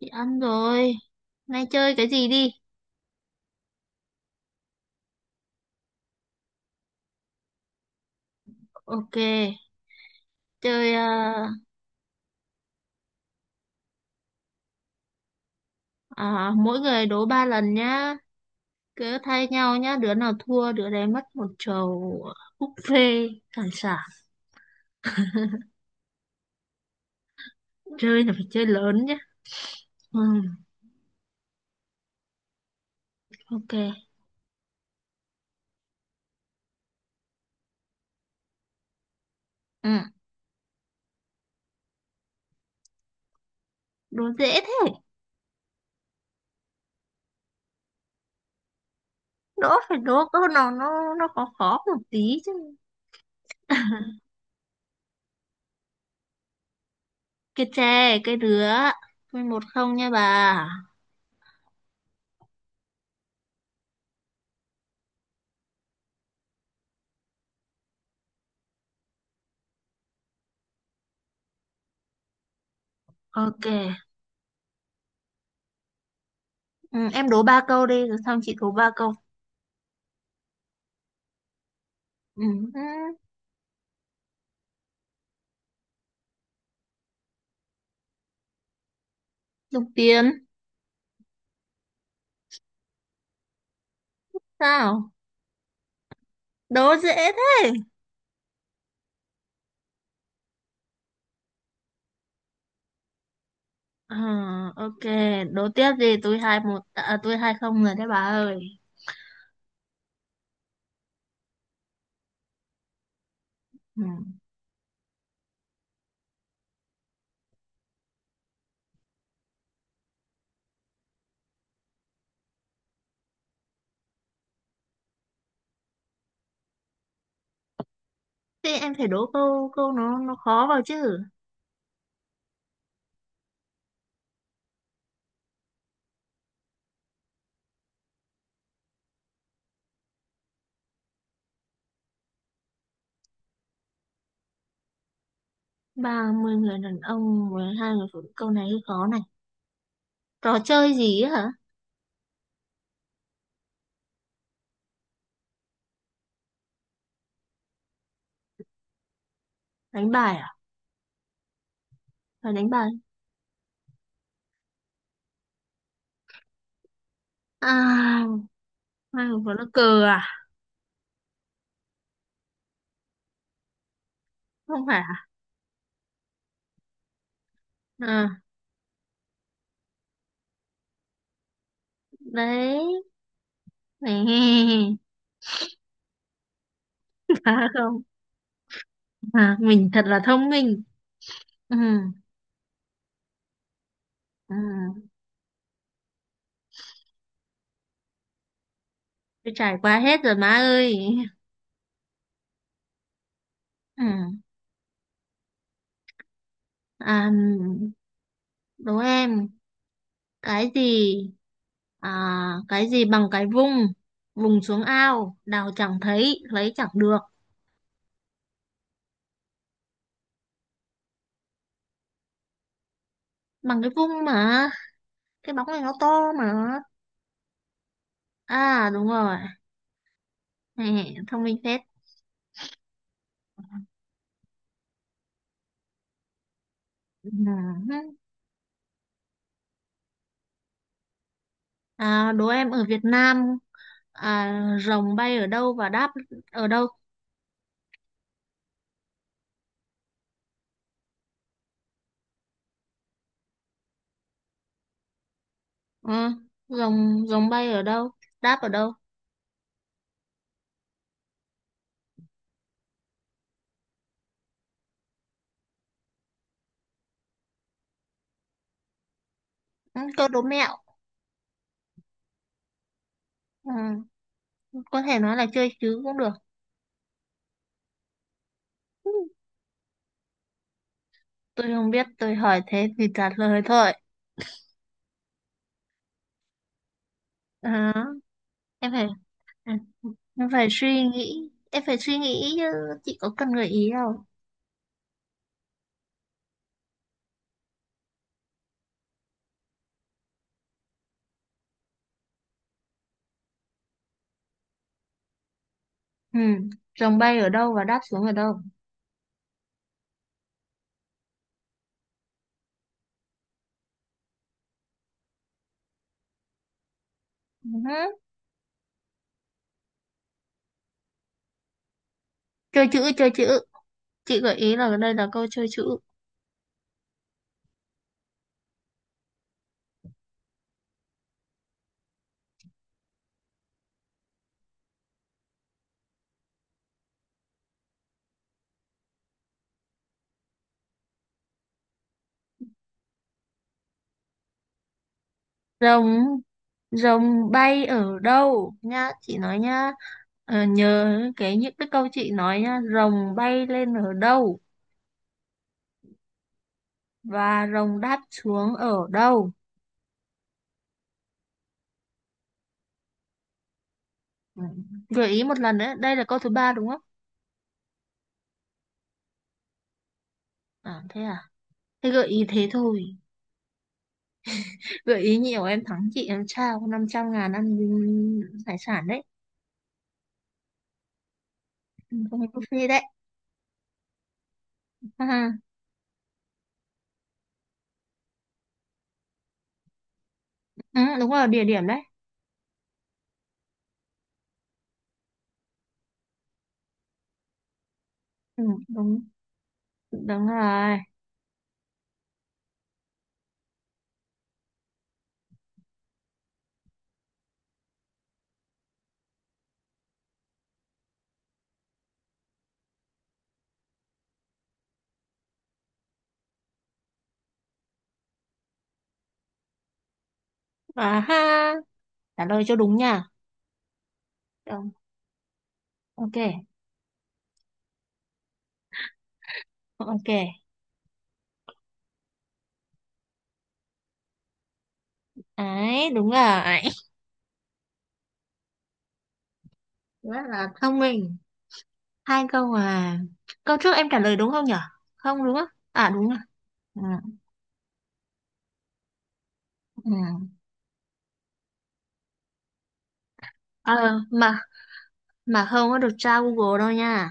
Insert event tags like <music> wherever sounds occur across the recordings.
Chị ăn rồi. Nay chơi cái gì đi? Ok, chơi à, mỗi người đố ba lần nhá. Cứ thay nhau nhá, đứa nào thua đứa đấy mất một chầu buffet hải sản. Chơi là phải chơi lớn nhá. Ừ, ok. Ừ, đố dễ thế. Đố phải đố câu nào nó khó khó một tí chứ. Cái chè, cái đứa. 1-0 nha bà. Ok. Ừ, em đố ba câu đi rồi xong chị đố ba câu. Ừ, ừ, dùng tiền. Sao? Đố dễ thế. Ờ, ok, đố tiếp gì tôi 2-1 tôi 2-0 rồi đấy bà ơi. Ừ. Thế em phải đố câu câu nó khó vào chứ. 30 người đàn ông với hai người phụ nữ, câu này hơi khó này. Trò chơi gì ấy hả? Đánh bài à? Phải đánh bài. À, hai người phụ nữ cờ à? Không phải à? Ờ, đấy. Nè, <laughs> phải không? À, mình thật là thông minh. Ừ. Ừ. Tôi trải qua hết rồi má ơi. Ừ. À, đố em cái gì, à, cái gì bằng cái vung vùng xuống ao đào chẳng thấy lấy chẳng được. Bằng cái vung mà, cái bóng này nó to mà. À, đúng rồi. Hè, thông minh phết. <laughs> Ừ. À, đố em ở Việt Nam, rồng bay ở đâu và đáp ở đâu? Ừ. rồng rồng bay ở đâu, đáp ở đâu? Ừ, câu đố mẹo. Ừ. Có thể nói là chơi chứ cũng được. Tôi không biết, tôi hỏi thế thì trả lời thôi. À. em phải ừ, em phải suy nghĩ, em phải suy nghĩ chứ, chị có cần gợi ý đâu. Ừ, dòng bay ở đâu và đáp xuống ở đâu. Ừ, chơi chữ, chơi chữ, chị gợi ý là đây là câu chơi chữ. Rồng rồng bay ở đâu nhá, chị nói nhá. Ờ, nhớ cái những cái câu chị nói nhá, rồng bay lên ở đâu và rồng đáp xuống ở đâu. Ừ. Gợi ý một lần nữa, đây là câu thứ ba đúng không? À thế à, thế gợi ý thế thôi, gợi ý nhiều em thắng chị, em trao 500.000 ăn hải sản đấy. Không, buffet đấy. À, ừ, đúng rồi, địa điểm đấy. Ừ, đúng. Đúng rồi. À ha, trả lời cho đúng nha. Đúng. Ok. Ok. Ấy, đúng rồi. Rất là thông minh. Hai câu à, câu trước em trả lời đúng không nhở? Không đúng á? À, đúng rồi. Ừ, ừ. Ờ, mà mà không có được tra Google đâu nha.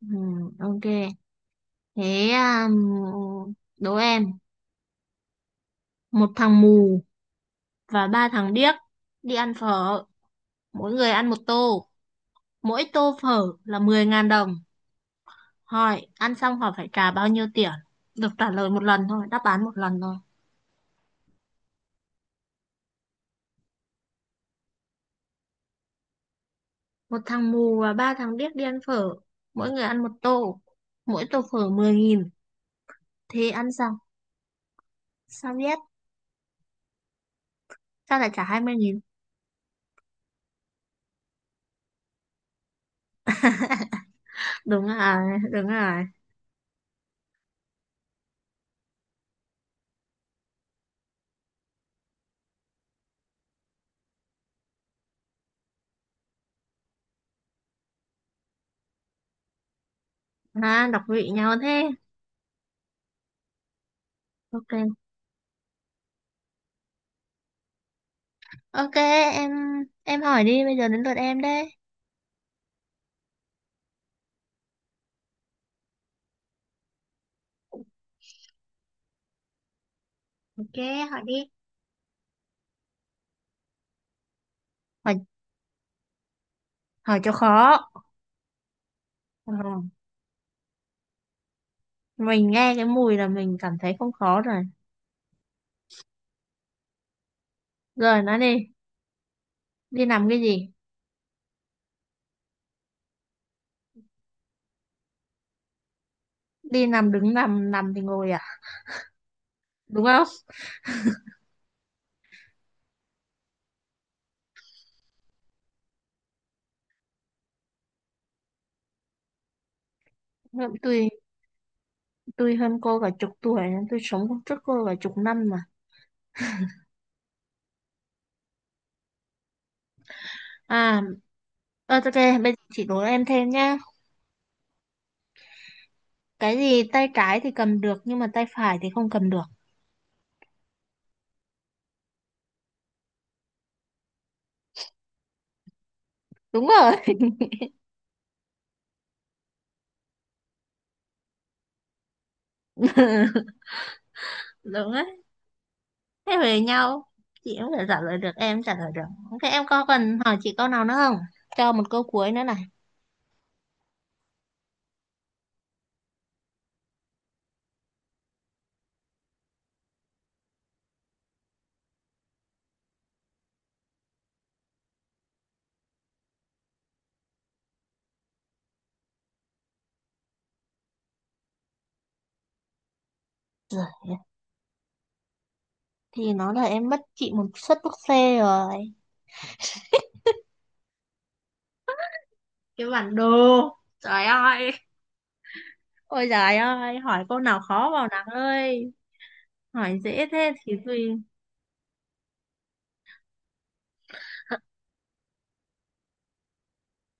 Ừ, ok, thế đố em, một thằng mù và ba thằng điếc đi ăn phở, mỗi người ăn một tô, mỗi tô phở là 10.000 đồng, hỏi ăn xong họ phải trả bao nhiêu tiền. Được trả lời một lần thôi, đáp án một lần thôi. Một thằng mù và ba thằng điếc đi ăn phở, mỗi người ăn một tô, mỗi tô phở 10.000, thì ăn xong. Sao biết? Sao lại trả 20.000? Đúng rồi. Đúng rồi. À, đọc vị nhau thế. Ok. Ok. Em em hỏi đi, bây giờ đến lượt em đấy. Ok, hỏi đi. Hỏi hỏi cho khó. Ờ, mình nghe cái mùi là mình cảm thấy không khó rồi. Rồi nói đi, đi nằm cái gì? Đi nằm, đứng nằm, nằm thì ngồi à? Đúng không? Tôi tôi hơn cô cả chục tuổi, nên tôi sống cùng trước cô cả chục năm mà. À, ok, bây giờ chị đố em thêm nhá. Cái gì tay trái thì cầm được nhưng mà tay phải thì không cầm được. Đúng rồi. <laughs> Đúng đấy. Thế về nhau. Chị cũng phải trả lời được, em cũng trả lời được. Ok, em có cần hỏi chị câu nào nữa không? Cho một câu cuối nữa này. Thì nó là em mất chị một suất thuốc xe rồi. Cái bản đồ. Trời ơi. Ôi trời ơi, hỏi câu nào khó vào nắng ơi, hỏi dễ thế thì tôi.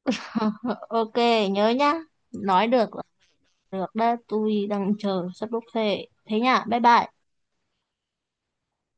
<laughs> Ok, nhớ nhá. Nói được là được đó, tôi đang chờ sắp bốc xe. Thế nhá, bye bye.